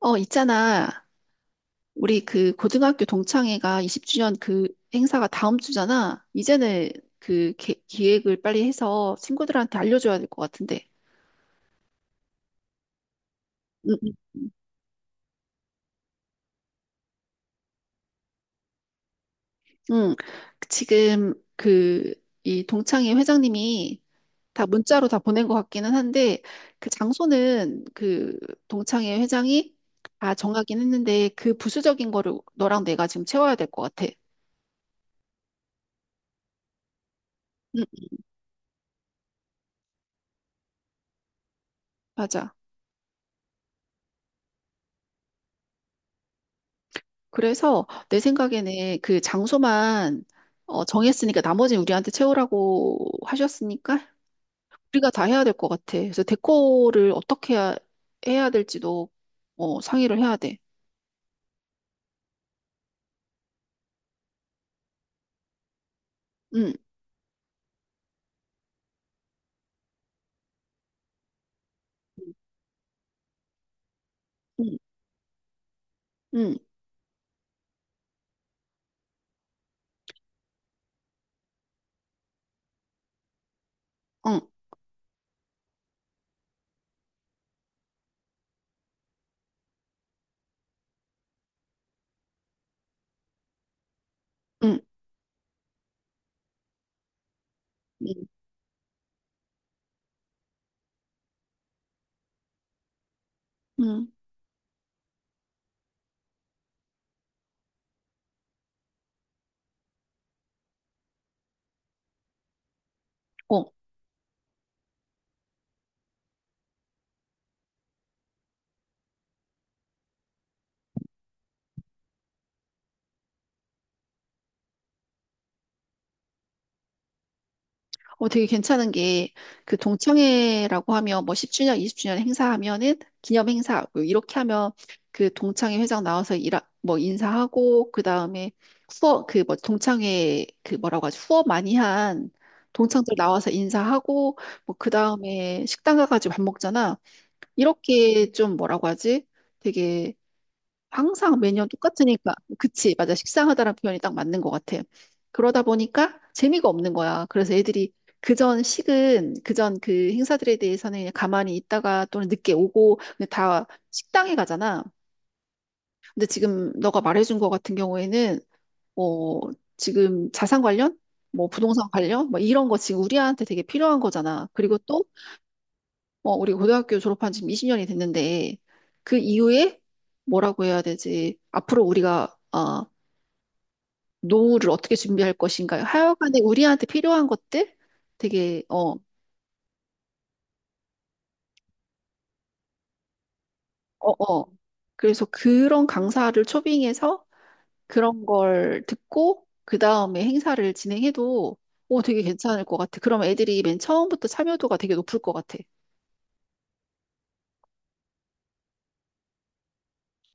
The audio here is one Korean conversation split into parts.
어, 있잖아. 우리 그 고등학교 동창회가 20주년 그 행사가 다음 주잖아. 이제는 그 기획을 빨리 해서 친구들한테 알려줘야 될 것 같은데. 응, 응. 응. 응. 지금 그 이 동창회 회장님이 다 문자로 다 보낸 것 같기는 한데 그 장소는 그 동창회 회장이 다 정하긴 했는데 그 부수적인 거를 너랑 내가 지금 채워야 될 것 같아. 응, 맞아. 그래서 내 생각에는 그 장소만 어, 정했으니까 나머지는 우리한테 채우라고 하셨으니까 우리가 다 해야 될 것 같아. 그래서 데코를 어떻게 해야 될지도 어, 상의를 해야 돼. 응, 응, 응, 응, 응, 응, 응. 어. 어, 되게 괜찮은 게, 그 동창회라고 하면, 뭐 10주년, 20주년 행사하면은, 기념 행사 이렇게 하면, 그 동창회 회장 나와서 뭐 인사하고, 그 다음에 후원, 그 뭐 동창회, 그 뭐라고 하지, 후원 많이 한 동창들 나와서 인사하고, 뭐 그 다음에 식당 가가지고 밥 먹잖아. 이렇게 좀 뭐라고 하지? 되게 항상 매년 똑같으니까. 그치, 맞아. 식상하다는 표현이 딱 맞는 것 같아. 그러다 보니까 재미가 없는 거야. 그래서 애들이 그전 그 행사들에 대해서는 그냥 가만히 있다가 또는 늦게 오고, 근데 다 식당에 가잖아. 근데 지금 너가 말해준 것 같은 경우에는, 뭐, 지금 자산 관련? 뭐, 부동산 관련? 뭐, 이런 거 지금 우리한테 되게 필요한 거잖아. 그리고 또, 뭐 우리 고등학교 졸업한 지금 20년이 됐는데, 그 이후에 뭐라고 해야 되지? 앞으로 우리가, 어, 노후를 어떻게 준비할 것인가요? 하여간에 우리한테 필요한 것들 되게 어, 어, 어. 그래서 그런 강사를 초빙해서 그런 걸 듣고 그 다음에 행사를 진행해도 오 되게 괜찮을 것 같아. 그러면 애들이 맨 처음부터 참여도가 되게 높을 것 같아.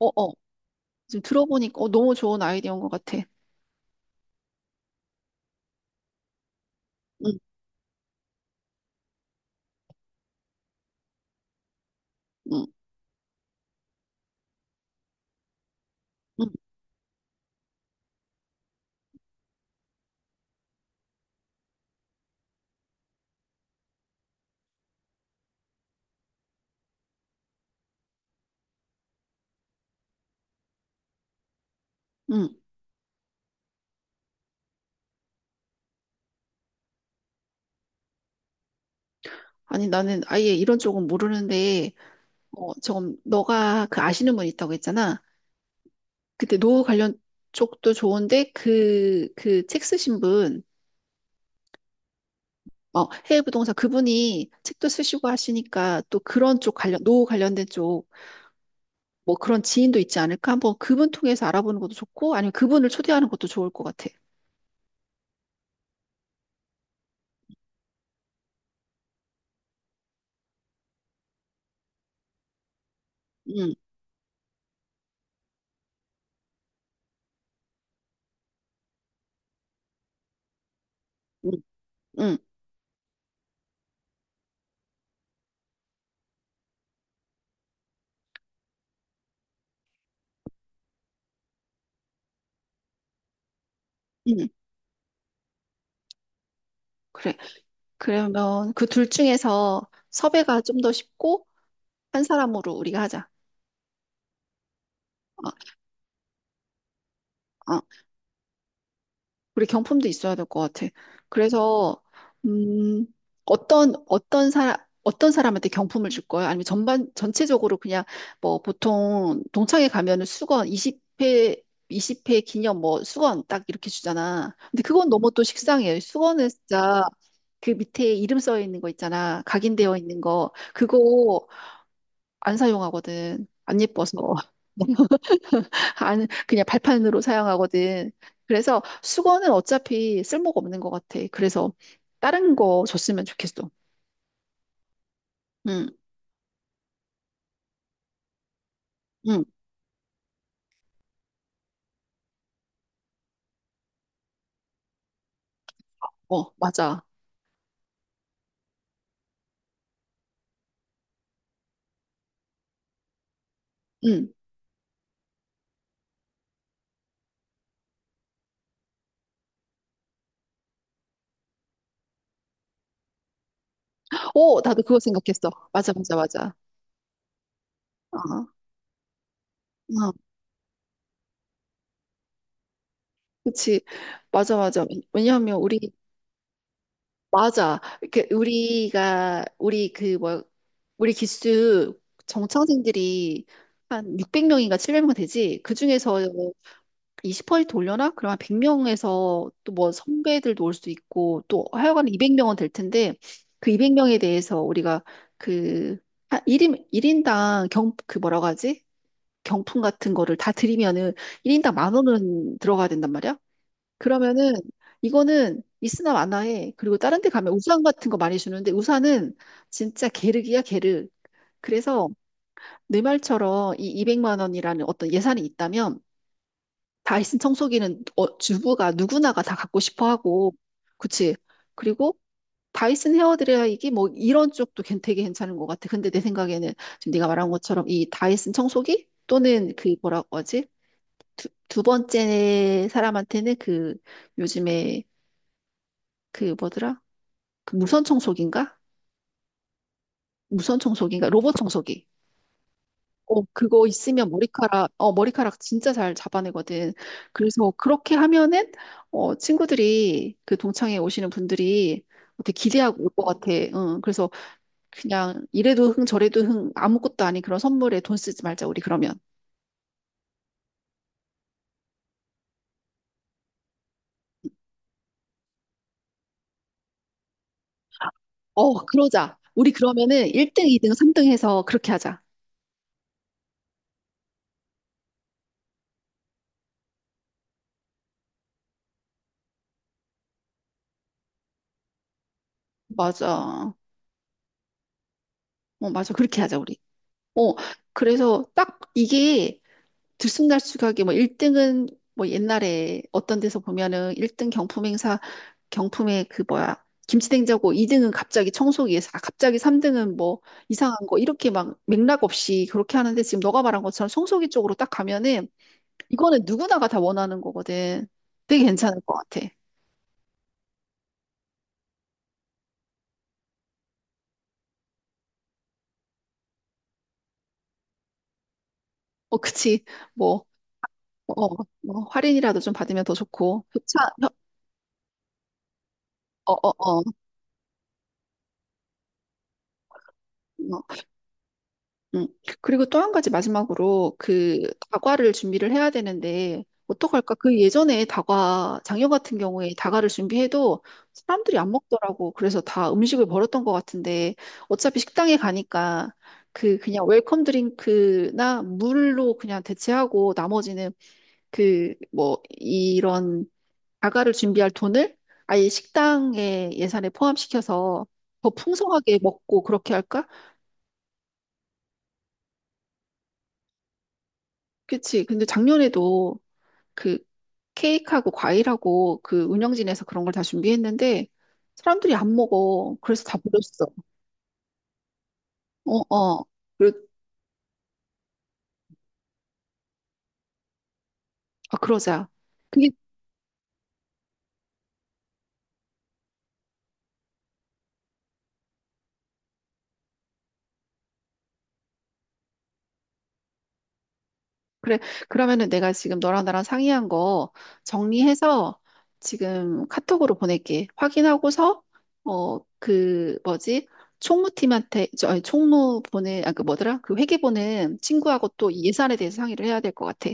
어, 어. 지금 들어보니까 어, 너무 좋은 아이디어인 것 같아. 응, 응, 응, 응. 아니 나는 아예 이런 쪽은 모르는데 어, 좀 너가 그 아시는 분 있다고 했잖아. 그때 노후 관련 쪽도 좋은데 그, 그 책 쓰신 분, 어, 해외 부동산 그분이 책도 쓰시고 하시니까 또 그런 쪽 관련, 노후 관련된 쪽, 뭐 그런 지인도 있지 않을까? 한번 그분 통해서 알아보는 것도 좋고, 아니면 그분을 초대하는 것도 좋을 것 같아. 응, 응, 응, 응. 그래. 그러면 그 둘 중에서 섭외가 좀 더 쉽고, 한 사람으로 우리가 하자. 어, 어. 우리 경품도 있어야 될 것 같아. 그래서 음, 어떤 어떤 사람 어떤 사람한테 경품을 줄 거야? 아니면 전반 전체적으로 그냥 뭐 보통 동창회 가면은 수건 20회 기념 뭐 수건 딱 이렇게 주잖아. 근데 그건 너무 또 식상해. 수건은 진짜 그 밑에 이름 써 있는 거 있잖아. 각인되어 있는 거. 그거 안 사용하거든. 안 예뻐서. 안, 그냥 발판으로 사용하거든. 그래서 수건은 어차피 쓸모가 없는 것 같아. 그래서 다른 거 줬으면 좋겠어. 응, 응, 어, 맞아. 응. 오, 나도 그거 생각했어. 맞아, 맞아, 맞아. 어, 어, 그치. 맞아, 맞아. 왜냐하면 우리, 맞아. 이렇게 우리가, 우리 그, 뭐, 우리 기수 정창생들이 한 600명인가 700명 되지? 그 중에서 20% 돌려나? 그럼 한 100명에서 또 뭐 선배들도 올 수 있고 또 하여간 200명은 될 텐데 그 200명에 대해서 우리가 그 아, 일인당 그 뭐라고 하지? 경품 같은 거를 다 드리면은 1인당 만 원은 들어가야 된단 말이야? 그러면은 이거는 있으나 마나에 그리고 다른 데 가면 우산 같은 거 많이 주는데 우산은 진짜 게르기야 게르. 그래서 내 말처럼 이 200만 원이라는 어떤 예산이 있다면 다이슨 청소기는 어, 주부가 누구나가 다 갖고 싶어 하고, 그치? 그리고 다이슨 헤어드라이기 뭐 이런 쪽도 되게 괜찮은 것 같아. 근데 내 생각에는 지금 네가 말한 것처럼 이 다이슨 청소기 또는 그 뭐라고 하지? 두 번째 사람한테는 그 요즘에 그 뭐더라? 그 무선 청소기인가? 무선 청소기인가? 로봇 청소기. 어, 그거 있으면 머리카락 진짜 잘 잡아내거든. 그래서 그렇게 하면은, 어, 친구들이, 그 동창회 오시는 분들이 되게 기대하고 올 것 같아. 응, 그래서 그냥 이래도 흥, 저래도 흥, 아무것도 아닌 그런 선물에 돈 쓰지 말자, 우리 그러면. 어, 그러자. 우리 그러면은 1등, 2등, 3등 해서 그렇게 하자. 맞아. 어, 맞아. 그렇게 하자, 우리. 어, 그래서 딱 이게 들쑥날쑥하게 뭐 1등은 뭐 옛날에 어떤 데서 보면은 1등 경품 행사 경품에 그 뭐야 김치냉장고 2등은 갑자기 청소기에서 아, 갑자기 3등은 뭐 이상한 거 이렇게 막 맥락 없이 그렇게 하는데 지금 너가 말한 것처럼 청소기 쪽으로 딱 가면은 이거는 누구나가 다 원하는 거거든. 되게 괜찮을 것 같아. 어, 그치. 뭐, 어, 뭐 할인이라도 좀 받으면 더 좋고. 협찬. 어, 어, 어. 어. 음. 그리고 또 한 가지 마지막으로 그 다과를 준비를 해야 되는데 어떡할까? 그 예전에 다과 장여 같은 경우에 다과를 준비해도 사람들이 안 먹더라고. 그래서 다 음식을 버렸던 것 같은데 어차피 식당에 가니까 그 그냥 웰컴 드링크나 물로 그냥 대체하고 나머지는 그 뭐 이런 다과를 준비할 돈을 아예 식당의 예산에 포함시켜서 더 풍성하게 먹고 그렇게 할까? 그치. 근데 작년에도 그 케이크하고 과일하고 그 운영진에서 그런 걸 다 준비했는데 사람들이 안 먹어. 그래서 다 버렸어. 어, 어. 그러, 아, 그러자. 그게 그래. 그러면은 내가 지금 너랑 나랑 상의한 거 정리해서 지금 카톡으로 보낼게. 확인하고서 어, 그 뭐지? 총무팀한테 저 아니, 총무 보내 아 그 뭐더라? 그 회계 보는 친구하고 또이 예산에 대해서 상의를 해야 될 것 같아.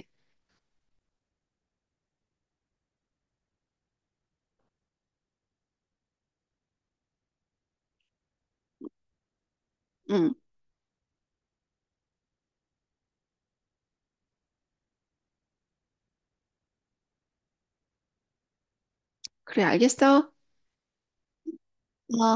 응. 그래, 알겠어? 어.